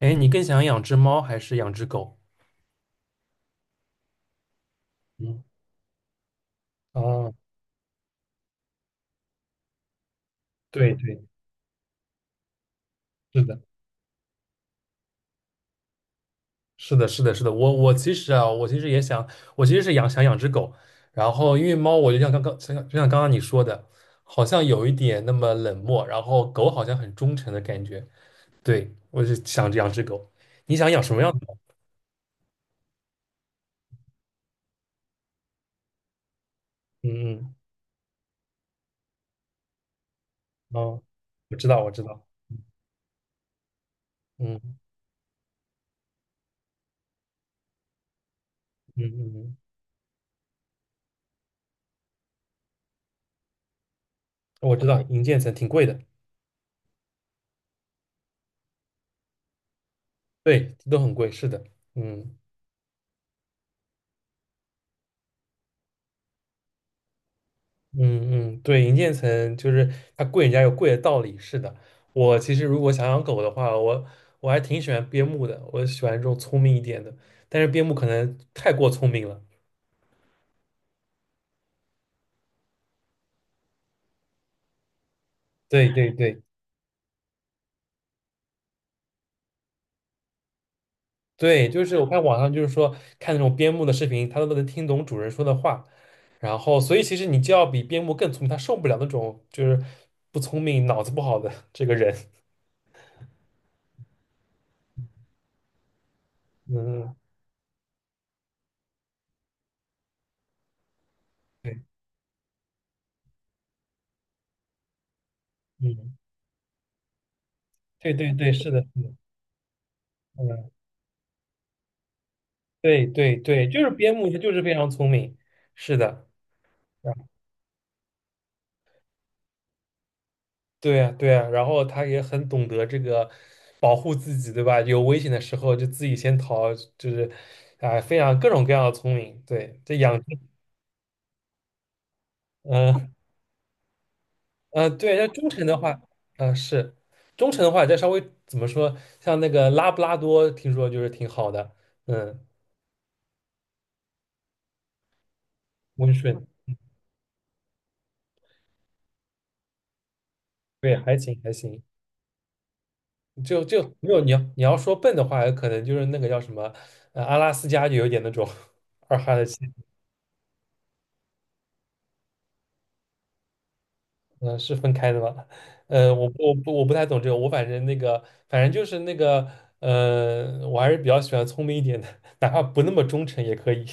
哎，你更想养只猫还是养只狗？嗯，哦，对对，是的，是的，是的，是的。我其实啊，我其实也想，我其实是想养只狗，然后因为猫，我就像刚刚，就像刚刚你说的，好像有一点那么冷漠，然后狗好像很忠诚的感觉。对，我就想着养只狗。你想养什么样的猫？嗯嗯，哦，我知道，我知道，嗯嗯嗯，我知道，银渐层挺贵的，对，都很贵，是的，嗯。嗯嗯，对，银渐层就是它贵，人家有贵的道理。是的，我其实如果想养狗的话，我还挺喜欢边牧的，我喜欢这种聪明一点的，但是边牧可能太过聪明了。对对对对，就是我看网上就是说看那种边牧的视频，它都能听懂主人说的话，然后所以其实你就要比边牧更聪明，它受不了那种就是不聪明、脑子不好的这个人。嗯，嗯对，嗯，对对对，是的，是的，嗯对对对，就是边牧，它就是非常聪明，是的，啊对啊对啊，然后它也很懂得这个保护自己，对吧？有危险的时候就自己先逃，就是啊、非常各种各样的聪明。对，这养，嗯、对，那忠诚的话，嗯、是忠诚的话，再稍微怎么说，像那个拉布拉多，听说就是挺好的，嗯，温顺，对，还行还行，就没有你要说笨的话，可能就是那个叫什么，阿拉斯加就有点那种 二哈的气，嗯、是分开的吧？我不太懂这个，我反正那个反正就是那个，我还是比较喜欢聪明一点的，哪怕不那么忠诚也可以。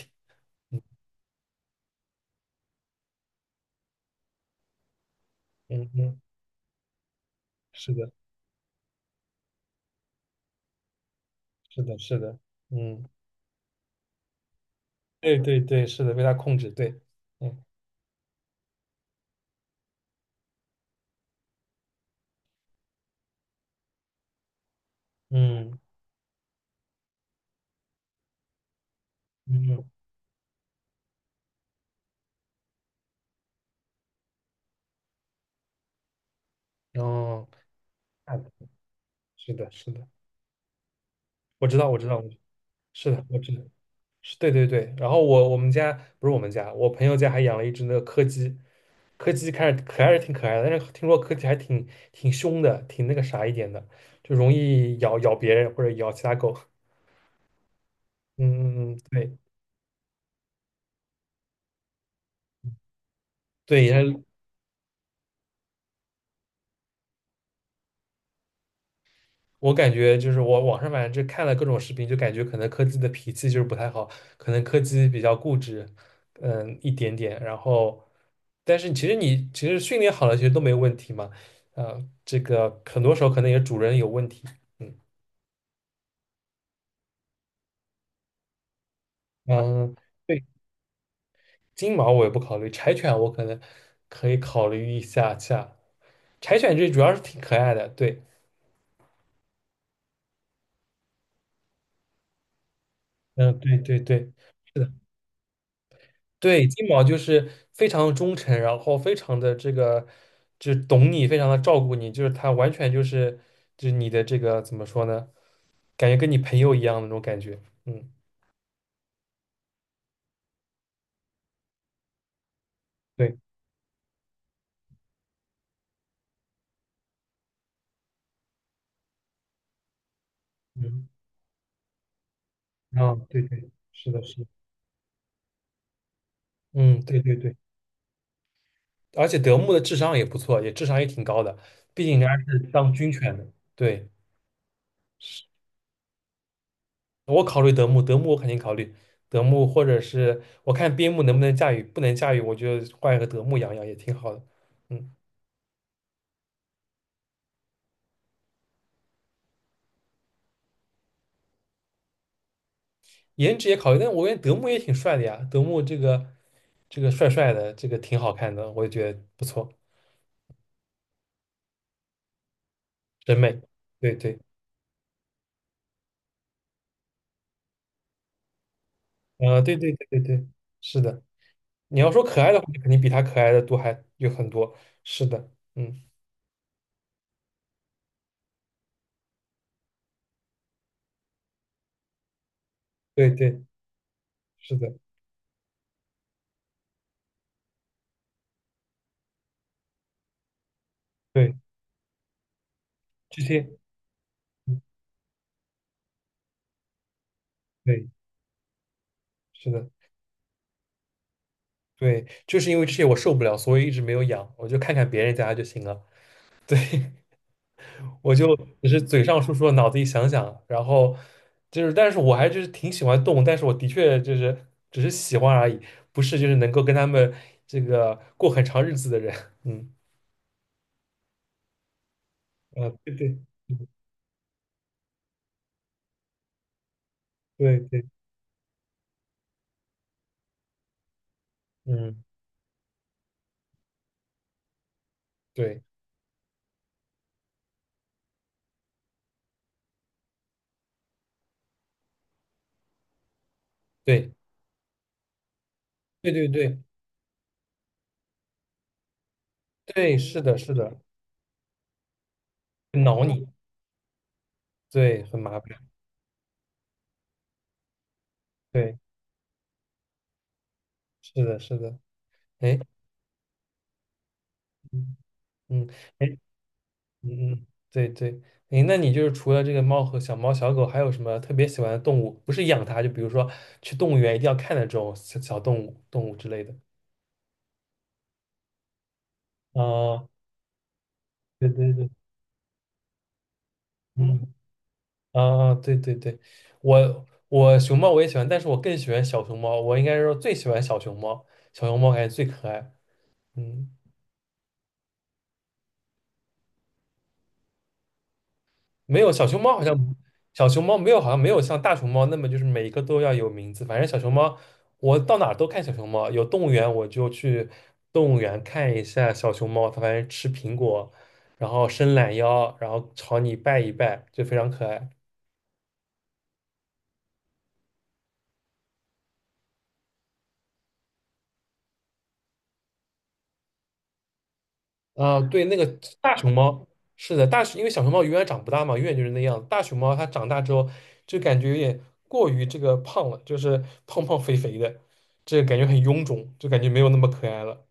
嗯嗯，是的，是的，是的，嗯，对对对，是的，被他控制，对，嗯嗯嗯，哦，是的，是的，我知道，我知道，我是的，我知道。是对对对，然后我们家不是我们家，我朋友家还养了一只那个柯基，柯基看着可爱是挺可爱的，但是听说柯基还挺凶的，挺那个啥一点的，就容易咬别人或者咬其他狗。嗯嗯嗯，对对，然后我感觉就是我网上反正就看了各种视频，就感觉可能柯基的脾气就是不太好，可能柯基比较固执，一点点，然后但是其实你其实训练好了，其实都没问题嘛，这个很多时候可能也主人有问题。嗯。嗯，对，金毛我也不考虑，柴犬我可能可以考虑一下下。柴犬这主要是挺可爱的，对，嗯，对对对，是的，对，金毛就是非常忠诚，然后非常的这个，就懂你，非常的照顾你，就是它完全就是你的这个怎么说呢？感觉跟你朋友一样的那种感觉，嗯，对，嗯，啊，对对，是的，是的，嗯，对对对，而且德牧的智商也不错，智商也挺高的，毕竟人家是当军犬的，对。我考虑德牧，德牧我肯定考虑德牧，或者是我看边牧能不能驾驭，不能驾驭，我就换一个德牧养养也挺好的。嗯，颜值也考虑，但我感觉德牧也挺帅的呀，德牧这个帅帅的，这个挺好看的，我也觉得不错，审美。对对，啊，对对对对对，是的。你要说可爱的话，肯定比他可爱的多还有很多。是的，嗯，对对，是的，对，这些，嗯，对，是的。对，就是因为这些我受不了，所以一直没有养，我就看看别人家就行了，我就只是嘴上说说，脑子里想想，然后就是，但是我还就是挺喜欢动物，但是我的确就是只是喜欢而已，不是就是能够跟他们这个过很长日子的人，嗯，对对，嗯对对，嗯，对对对对对对，是的，是的，挠你，对，很麻烦，对，是的，是的，哎，嗯嗯。哎。嗯嗯，对对，诶，那你就是除了这个猫和小猫、小狗，还有什么特别喜欢的动物？不是养它，就比如说去动物园一定要看的这种小小动物、动物之类的。啊，对对对，嗯，啊，对对对，我熊猫我也喜欢，但是我更喜欢小熊猫，我应该是说最喜欢小熊猫，小熊猫感觉最可爱。嗯。没有小熊猫好像小熊猫没有好像没有像大熊猫那么就是每一个都要有名字，反正小熊猫我到哪儿都看小熊猫，有动物园我就去动物园看一下小熊猫，它反正吃苹果，然后伸懒腰，然后朝你拜一拜，就非常可爱。啊、对，那个大熊猫是的，因为小熊猫永远长不大嘛，永远就是那样。大熊猫它长大之后就感觉有点过于这个胖了，就是胖胖肥肥的，这个感觉很臃肿，就感觉没有那么可爱了。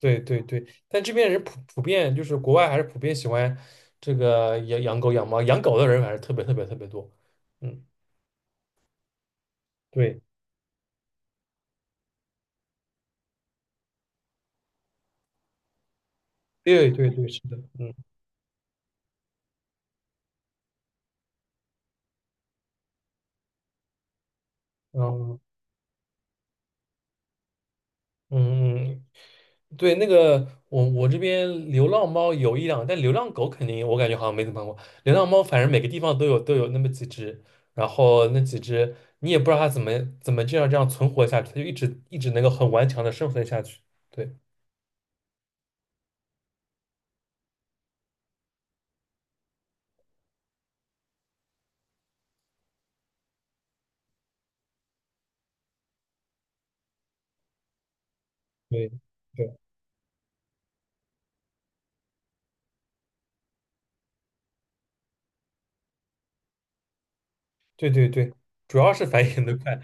对对对，但这边人普遍就是国外还是普遍喜欢这个养狗养猫，养狗的人还是特别特别特别多。嗯，对对对对，是的，嗯嗯嗯嗯，对，那个我这边流浪猫有一两，但流浪狗肯定我感觉好像没怎么看过。流浪猫反正每个地方都有那么几只，然后那几只你也不知道它怎么这样存活下去，它就一直一直能够很顽强的生存下去。对对对对对对，主要是繁衍的快。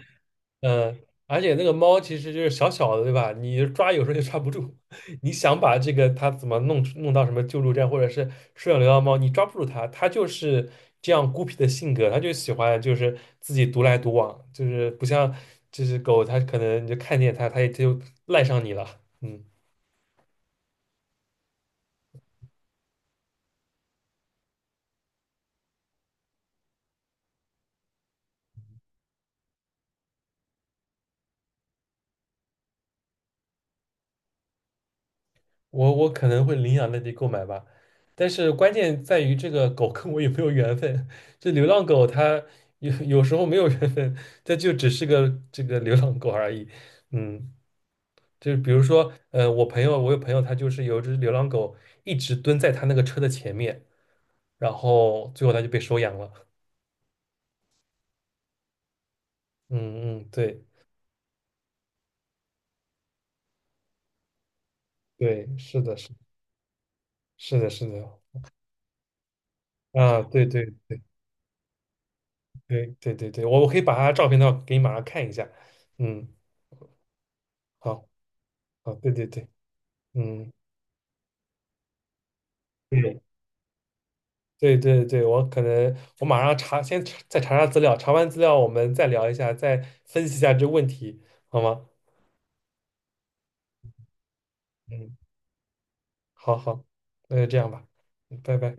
嗯，而且那个猫其实就是小小的，对吧？你抓有时候就抓不住，你想把这个它怎么弄到什么救助站或者是收养流浪猫，你抓不住它，它就是这样孤僻的性格，它就喜欢就是自己独来独往，就是不像就是狗，它可能你就看见它，它就赖上你了。嗯。我可能会领养那地购买吧，但是关键在于这个狗跟我有没有缘分。这流浪狗它有时候没有缘分，它就只是个这个流浪狗而已。嗯，就是比如说，我朋友，我有朋友，他就是有一只流浪狗一直蹲在他那个车的前面，然后最后他就被收养了。嗯嗯，对对，是的，是的，是的，啊，对对对对对对，我可以把他照片的话给你马上看一下。嗯，好，好，对对对，嗯。嗯，对对对，我可能我马上查，先查再查查资料，查完资料我们再聊一下，再分析一下这问题，好吗？嗯，好好，那就这样吧，拜拜。